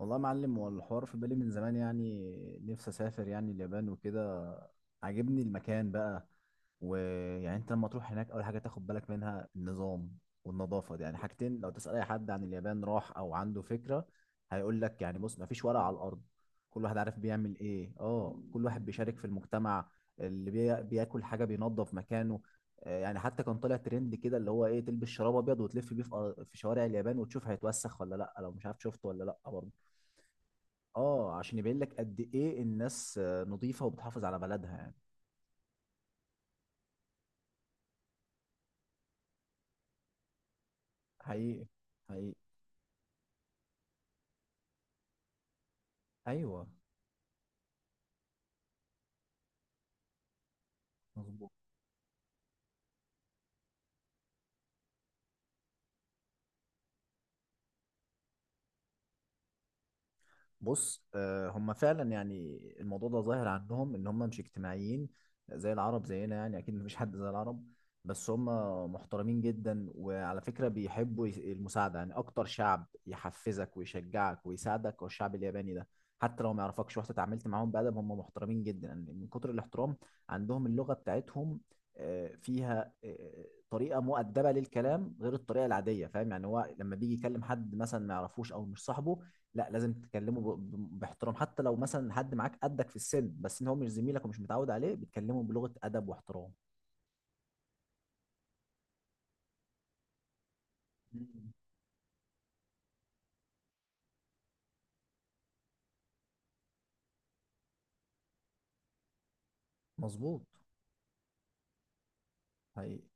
والله يا معلم، هو الحوار في بالي من زمان، يعني نفسي اسافر يعني اليابان وكده. عاجبني المكان بقى. ويعني انت لما تروح هناك اول حاجه تاخد بالك منها النظام والنظافه، دي يعني حاجتين. لو تسال اي حد عن اليابان راح او عنده فكره هيقول لك، يعني بص، ما فيش ورق على الارض. كل واحد عارف بيعمل ايه. اه، كل واحد بيشارك في المجتمع. بياكل حاجه بينظف مكانه. يعني حتى كان طالع ترند كده، اللي هو ايه، تلبس شراب ابيض وتلف بيه في شوارع اليابان وتشوف هيتوسخ ولا لا. لو مش عارف شفته ولا لا برضه. اه، عشان يبين لك قد ايه الناس نظيفة وبتحافظ على بلدها يعني. حقيقي. حقيقي. ايوه. مظبوط. بص، هم فعلا، يعني الموضوع ده ظاهر عنهم ان هم مش اجتماعيين زي العرب، زينا يعني، اكيد مفيش حد زي العرب. بس هم محترمين جدا، وعلى فكرة بيحبوا المساعدة. يعني اكتر شعب يحفزك ويشجعك ويساعدك هو الشعب الياباني ده. حتى لو ما يعرفكش، رحت اتعاملت معاهم بأدب، هم محترمين جدا. يعني من كتر الاحترام عندهم اللغة بتاعتهم فيها طريقة مؤدبة للكلام غير الطريقة العادية، فاهم يعني. هو لما بيجي يكلم حد مثلا ما يعرفوش او مش صاحبه، لا، لازم تكلمه باحترام. حتى لو مثلا حد معاك قدك في السن، بس ان هو مش زميلك ومش متعود عليه، بتكلمه بلغة ادب واحترام. مم. مظبوط. حقيقي.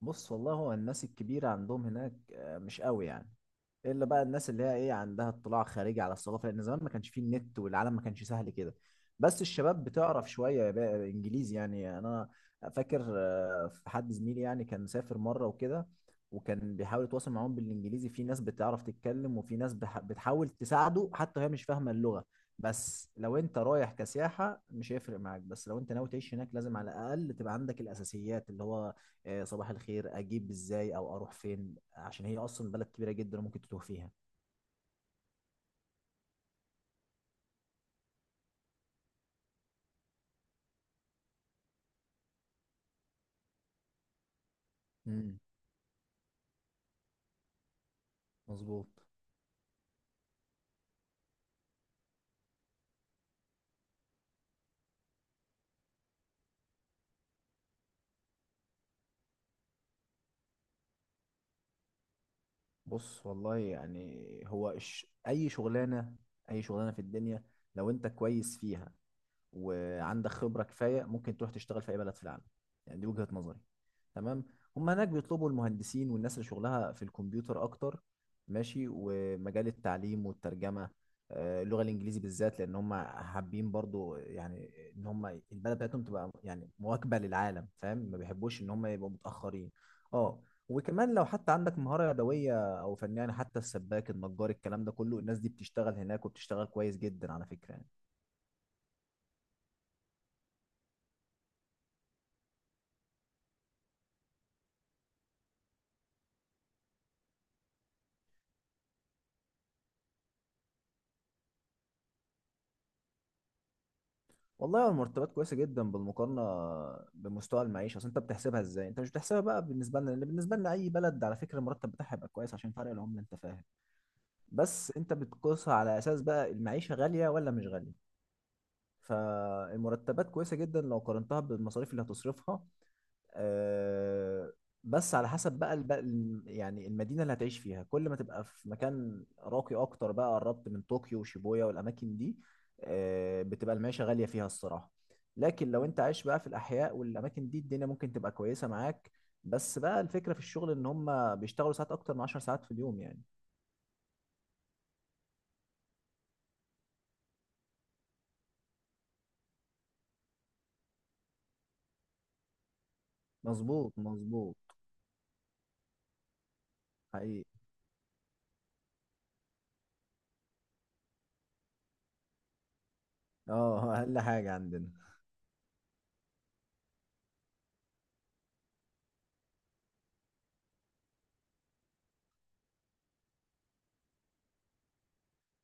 بص والله، هو الناس الكبيرة عندهم هناك مش قوي يعني، الا بقى الناس اللي هي ايه، عندها اطلاع خارجي على الثقافه، لان زمان ما كانش فيه النت والعالم ما كانش سهل كده. بس الشباب بتعرف شويه بقى انجليزي يعني. يعني انا فاكر في حد زميلي يعني كان سافر مره وكده، وكان بيحاول يتواصل معاهم بالانجليزي، في ناس بتعرف تتكلم وفي ناس بتحاول تساعده حتى وهي مش فاهمه اللغه. بس لو انت رايح كسياحه مش هيفرق معاك، بس لو انت ناوي تعيش هناك لازم على الاقل تبقى عندك الاساسيات، اللي هو صباح الخير، اجيب ازاي او اروح فين، عشان هي اصلا بلد كبيره جدا وممكن تتوه فيها. امم مظبوط. بص والله، يعني هو اي شغلانه، اي شغلانه في الدنيا، لو انت كويس فيها وعندك خبره كفايه، ممكن تروح تشتغل في اي بلد في العالم. يعني دي وجهه نظري. تمام. هم هناك بيطلبوا المهندسين والناس اللي شغلها في الكمبيوتر اكتر. ماشي. ومجال التعليم والترجمه اللغه الانجليزي بالذات، لان هم حابين برضو يعني ان هم البلد بتاعتهم تبقى يعني مواكبه للعالم، فاهم. ما بيحبوش ان هم يبقوا متاخرين. اه. وكمان لو حتى عندك مهاره يدويه او فن يعني، حتى السباك، النجار، الكلام ده كله، الناس دي بتشتغل هناك وبتشتغل كويس جدا على فكره. والله هو المرتبات كويسه جدا بالمقارنه بمستوى المعيشه. اصل انت بتحسبها ازاي؟ انت مش بتحسبها بقى بالنسبه لنا، لان بالنسبه لنا اي بلد على فكره المرتب بتاعها يبقى كويس عشان فرق العمله، انت فاهم. بس انت بتقيسها على اساس بقى المعيشه غاليه ولا مش غاليه. فالمرتبات كويسة جدا لو قارنتها بالمصاريف اللي هتصرفها. آه، بس على حسب بقى يعني المدينة اللي هتعيش فيها. كل ما تبقى في مكان راقي أكتر، بقى قربت من طوكيو وشيبويا والأماكن دي، بتبقى المعيشة غالية فيها الصراحة. لكن لو أنت عايش بقى في الأحياء والأماكن دي، الدنيا ممكن تبقى كويسة معاك. بس بقى الفكرة في الشغل، إن هم بيشتغلوا ساعات أكتر من 10 ساعات في اليوم يعني. مظبوط مظبوط. حقيقي. اه أقل حاجة عندنا.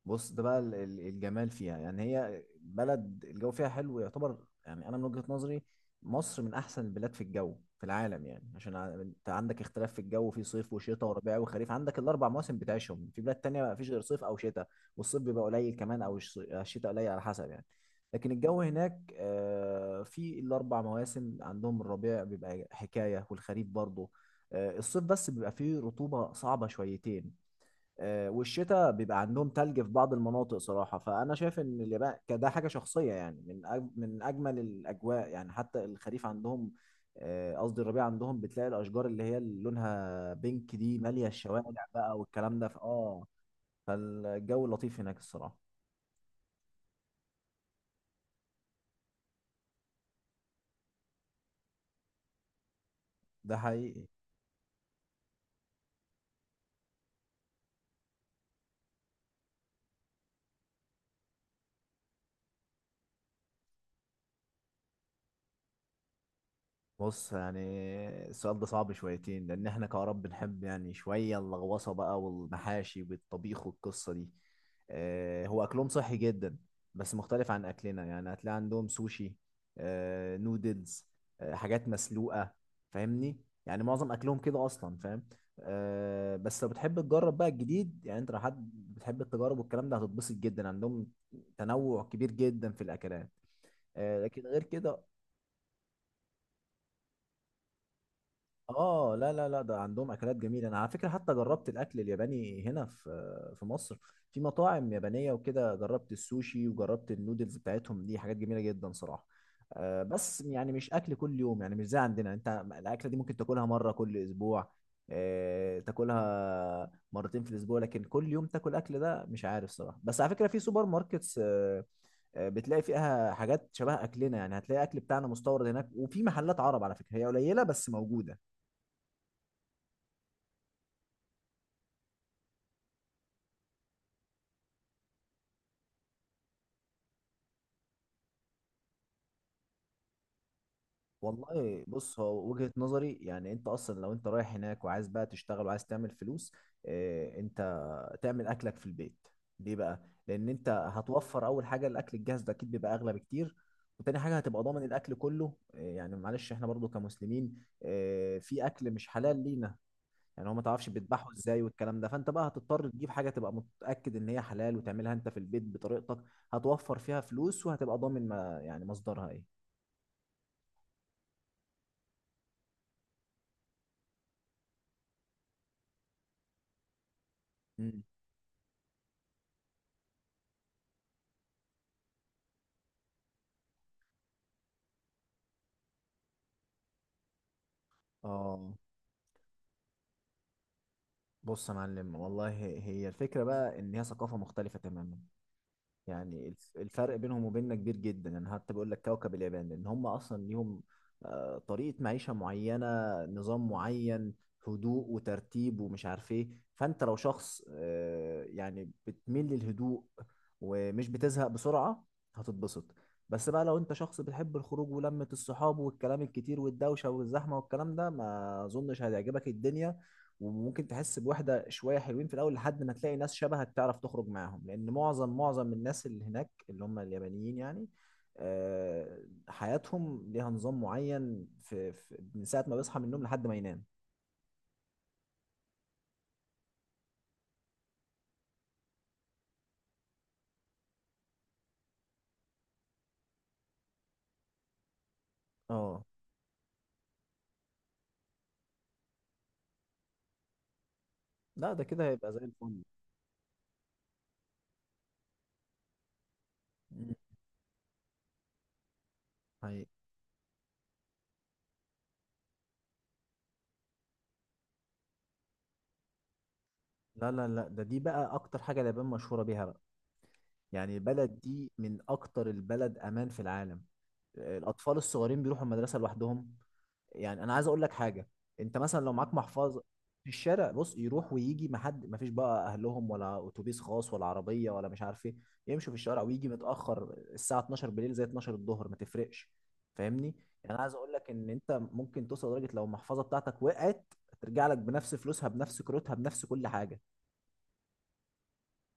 بص، ده بقى الجمال فيها. يعني هي بلد الجو فيها حلو يعتبر. يعني انا من وجهة نظري مصر من احسن البلاد في الجو في العالم، يعني عشان انت عندك اختلاف في الجو، في صيف وشتاء وربيع وخريف، عندك الاربع مواسم بتعيشهم. في بلاد تانية ما فيش غير صيف او شتاء، والصيف بيبقى قليل كمان او الشتاء قليل، على حسب يعني. لكن الجو هناك في الاربع مواسم عندهم. الربيع بيبقى حكاية والخريف برضه. الصيف بس بيبقى فيه رطوبة صعبة شويتين. والشتاء بيبقى عندهم تلج في بعض المناطق صراحة. فأنا شايف إن اليابان كده، حاجة شخصية يعني، من من أجمل الأجواء يعني. حتى الخريف عندهم، قصدي الربيع عندهم، بتلاقي الأشجار اللي هي اللي لونها بينك دي مالية الشوارع بقى والكلام ده فالجو لطيف هناك الصراحة. ده حقيقي. بص يعني، السؤال ده صعب شويتين، لان احنا كعرب بنحب يعني شويه اللغوصه بقى والمحاشي والطبيخ والقصه دي. هو اكلهم صحي جدا بس مختلف عن اكلنا. يعني هتلاقي عندهم سوشي، نودلز، حاجات مسلوقه، فاهمني. يعني معظم اكلهم كده اصلا، فاهم. بس لو بتحب تجرب بقى الجديد، يعني انت لو حد بتحب التجارب والكلام ده هتتبسط جدا عندهم. تنوع كبير جدا في الاكلات. لكن غير كده، اه لا لا لا، ده عندهم اكلات جميله. انا على فكره حتى جربت الاكل الياباني هنا في في مصر، في مطاعم يابانيه وكده. جربت السوشي وجربت النودلز بتاعتهم دي، حاجات جميله جدا صراحه. بس يعني مش اكل كل يوم، يعني مش زي عندنا. انت الاكله دي ممكن تاكلها مره كل اسبوع، تاكلها مرتين في الاسبوع، لكن كل يوم تاكل اكل ده مش عارف صراحه. بس على فكره في سوبر ماركتس بتلاقي فيها حاجات شبه اكلنا. يعني هتلاقي اكل بتاعنا مستورد هناك، وفي محلات عرب على فكره، هي قليله بس موجوده. والله بص، هو وجهة نظري، يعني انت اصلا لو انت رايح هناك وعايز بقى تشتغل وعايز تعمل فلوس، اه، انت تعمل اكلك في البيت. ليه بقى؟ لان انت هتوفر. اول حاجة الاكل الجاهز ده اكيد بيبقى اغلى بكتير، وتاني حاجة هتبقى ضامن الاكل كله. اه يعني معلش، احنا برضو كمسلمين اه في اكل مش حلال لينا. يعني هو ما تعرفش بيذبحوا ازاي والكلام ده، فانت بقى هتضطر تجيب حاجة تبقى متأكد ان هي حلال وتعملها انت في البيت بطريقتك. هتوفر فيها فلوس وهتبقى ضامن ما يعني مصدرها ايه. مم. اه. بص يا معلم والله، هي الفكرة بقى إن هي ثقافة مختلفة تماما. يعني الفرق بينهم وبيننا كبير جدا. أنا حتى بقول لك كوكب اليابان، لأن هم أصلا ليهم طريقة معيشة معينة، نظام معين، هدوء وترتيب ومش عارف إيه. فأنت لو شخص يعني بتميل للهدوء ومش بتزهق بسرعة، هتتبسط. بس بقى لو أنت شخص بتحب الخروج ولمة الصحاب والكلام الكتير والدوشة والزحمة والكلام ده، ما أظنش هتعجبك الدنيا. وممكن تحس بوحدة شوية، حلوين في الأول لحد ما تلاقي ناس شبهك تعرف تخرج معاهم، لأن معظم الناس اللي هناك اللي هم اليابانيين يعني آه، حياتهم ليها نظام معين في من ساعة ما بيصحى من النوم لحد ما ينام. اه لا، ده كده هيبقى زي الفل. مم. هي، لا لا لا، ده دي بقى أكتر حاجة اليابان مشهورة بيها بقى. يعني البلد دي من أكتر البلد أمان في العالم. الأطفال الصغيرين بيروحوا المدرسة لوحدهم. يعني انا عايز اقول لك حاجه، انت مثلا لو معاك محفظه في الشارع، بص، يروح ويجي، ما حد، ما فيش بقى اهلهم ولا اتوبيس خاص ولا عربيه ولا مش عارف ايه. يمشوا في الشارع ويجي متاخر الساعه 12 بالليل، زي 12 الظهر ما تفرقش. فاهمني؟ يعني انا عايز اقول لك ان انت ممكن توصل لدرجه لو المحفظه بتاعتك وقعت ترجع لك بنفس فلوسها، بنفس كروتها، بنفس كل حاجه.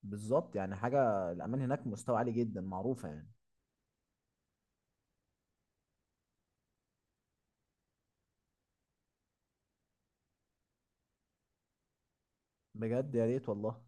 بالظبط، يعني حاجه الامان هناك مستوى عالي جدا، معروفه يعني. بجد يا ريت والله.